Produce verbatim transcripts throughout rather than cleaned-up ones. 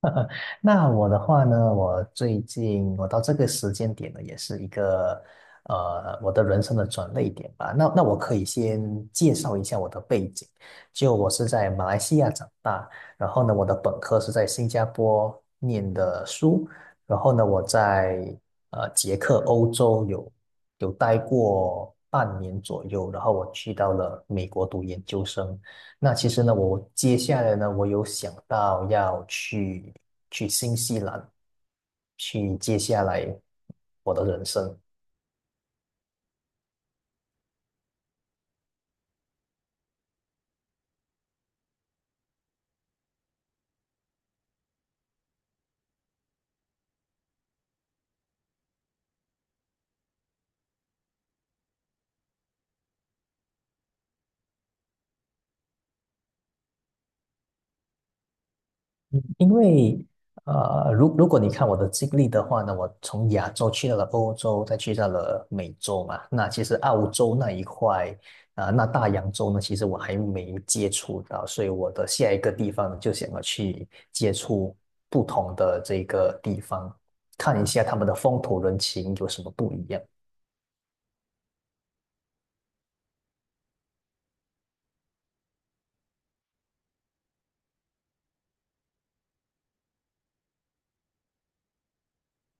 那我的话呢，我最近我到这个时间点呢，也是一个呃我的人生的转捩点吧。那那我可以先介绍一下我的背景，就我是在马来西亚长大，然后呢，我的本科是在新加坡念的书，然后呢，我在呃捷克欧洲有有待过半年左右，然后我去到了美国读研究生。那其实呢，我接下来呢，我有想到要去去新西兰，去接下来我的人生，因为呃，如如果你看我的经历的话呢，我从亚洲去到了欧洲，再去到了美洲嘛，那其实澳洲那一块啊、呃那大洋洲呢，其实我还没接触到，所以我的下一个地方呢就想要去接触不同的这个地方，看一下他们的风土人情有什么不一样。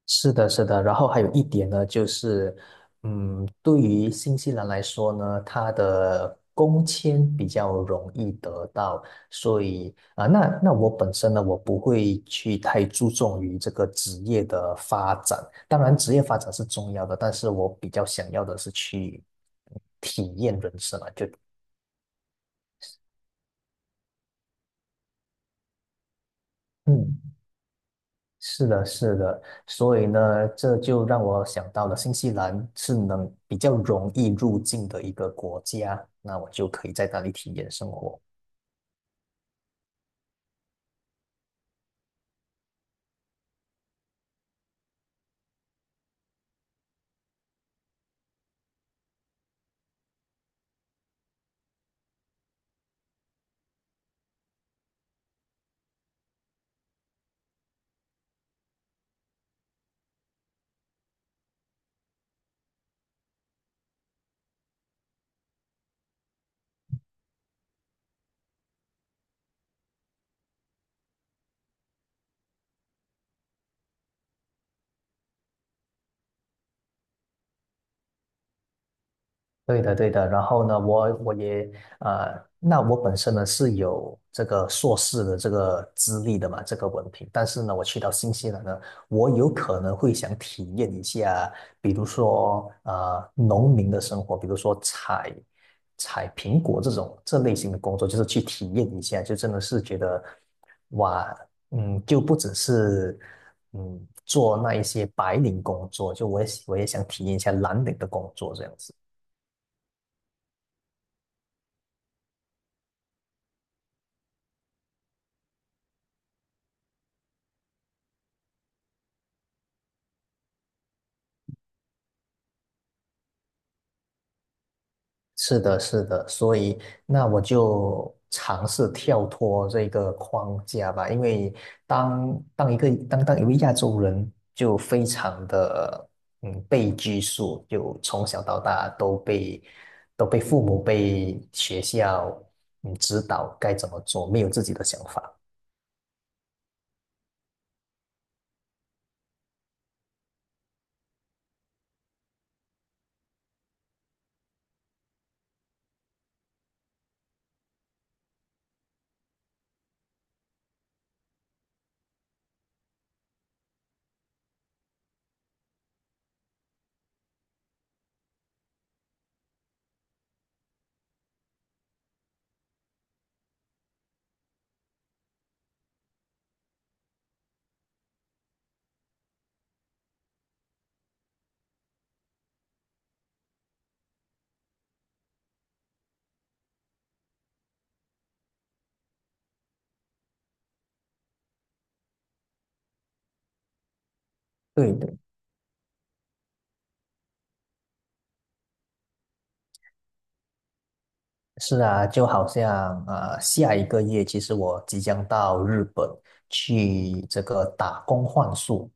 是的，是的，然后还有一点呢，就是，嗯，对于新西兰来说呢，它的工签比较容易得到，所以啊、那那我本身呢，我不会去太注重于这个职业的发展，当然职业发展是重要的，但是我比较想要的是去体验人生嘛，就嗯。是的，是的，所以呢，这就让我想到了新西兰是能比较容易入境的一个国家，那我就可以在那里体验生活。对的，对的。然后呢，我我也呃，那我本身呢是有这个硕士的这个资历的嘛，这个文凭。但是呢，我去到新西兰呢，我有可能会想体验一下，比如说呃，农民的生活，比如说采采苹果这种这类型的工作，就是去体验一下，就真的是觉得哇，嗯，就不只是嗯做那一些白领工作，就我也我也想体验一下蓝领的工作这样子。是的，是的，所以那我就尝试跳脱这个框架吧，因为当当一个当当一位亚洲人，就非常的嗯被拘束，就从小到大都被都被父母被学校嗯指导该怎么做，没有自己的想法。对，的。是啊，就好像呃，下一个月其实我即将到日本去这个打工换宿，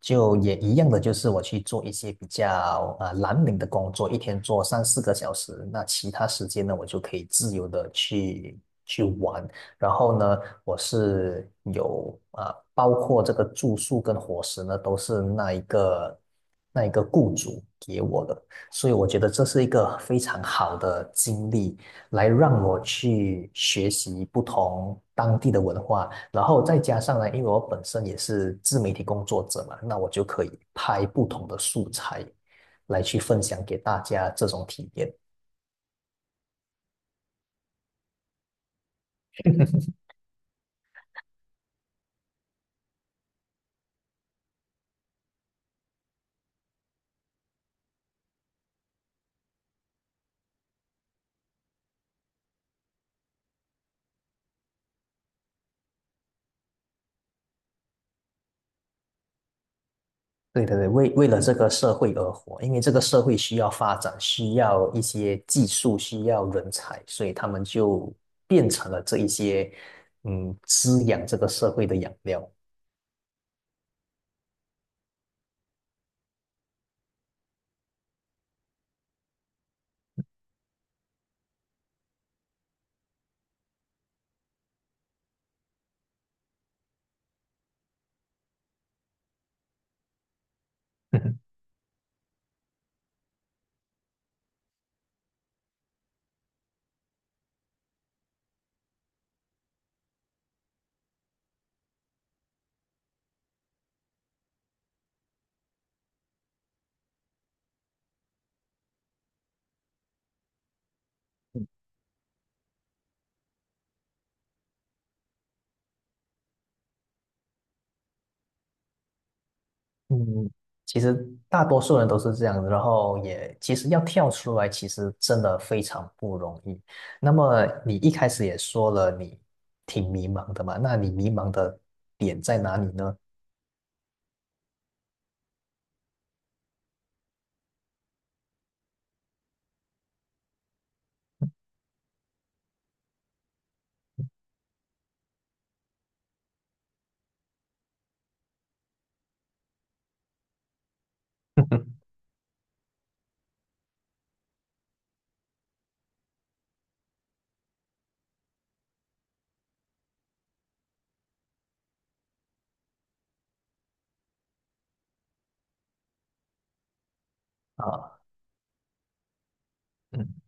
就也一样的，就是我去做一些比较啊蓝领的工作，一天做三四个小时，那其他时间呢，我就可以自由的去去玩。然后呢，我是有啊、呃包括这个住宿跟伙食呢，都是那一个那一个雇主给我的。所以我觉得这是一个非常好的经历，来让我去学习不同当地的文化，然后再加上呢，因为我本身也是自媒体工作者嘛，那我就可以拍不同的素材来去分享给大家这种体验。对对对，为为了这个社会而活，因为这个社会需要发展，需要一些技术，需要人才，所以他们就变成了这一些嗯滋养这个社会的养料。嗯，其实大多数人都是这样的，然后也其实要跳出来，其实真的非常不容易。那么你一开始也说了，你挺迷茫的嘛，那你迷茫的点在哪里呢？啊，嗯。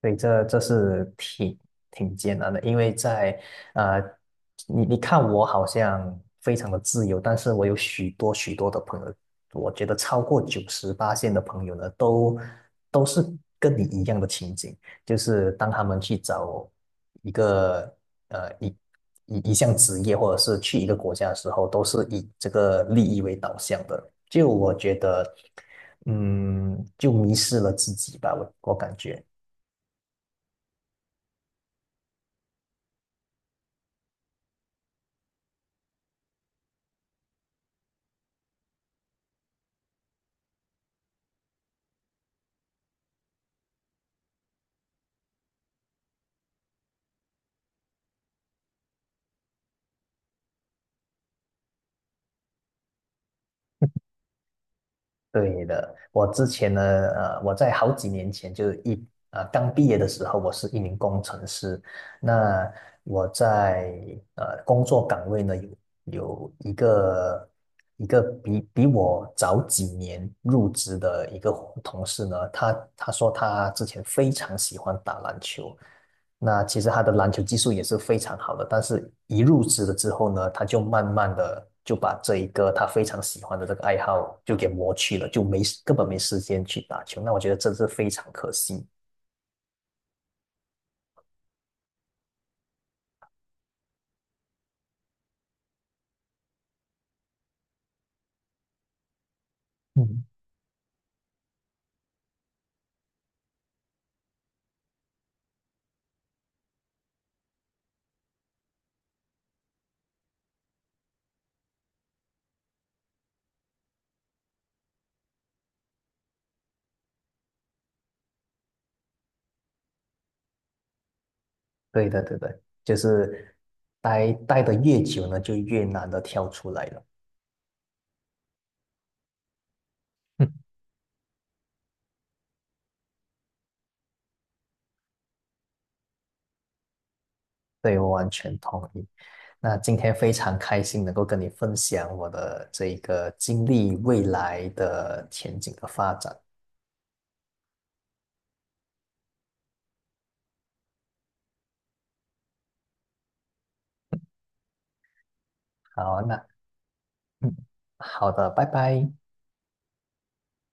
对，这这是挺挺艰难的，因为在呃，你你看我好像非常的自由，但是我有许多许多的朋友，我觉得超过九十八线的朋友呢，都都是跟你一样的情景，就是当他们去找一个呃一一一项职业，或者是去一个国家的时候，都是以这个利益为导向的，就我觉得，嗯，就迷失了自己吧，我我感觉。对的，我之前呢，呃，我在好几年前就一呃刚毕业的时候，我是一名工程师。那我在呃工作岗位呢，有有一个一个比比我早几年入职的一个同事呢，他他说他之前非常喜欢打篮球，那其实他的篮球技术也是非常好的，但是一入职了之后呢，他就慢慢的就把这一个他非常喜欢的这个爱好就给磨去了，就没根本没时间去打球。那我觉得这是非常可惜。嗯，对的，对的，就是待待的越久呢，就越难的跳出来了。嗯对，我完全同意。那今天非常开心能够跟你分享我的这一个经历未来的前景的发展。好啊，那嗯，好的，拜拜。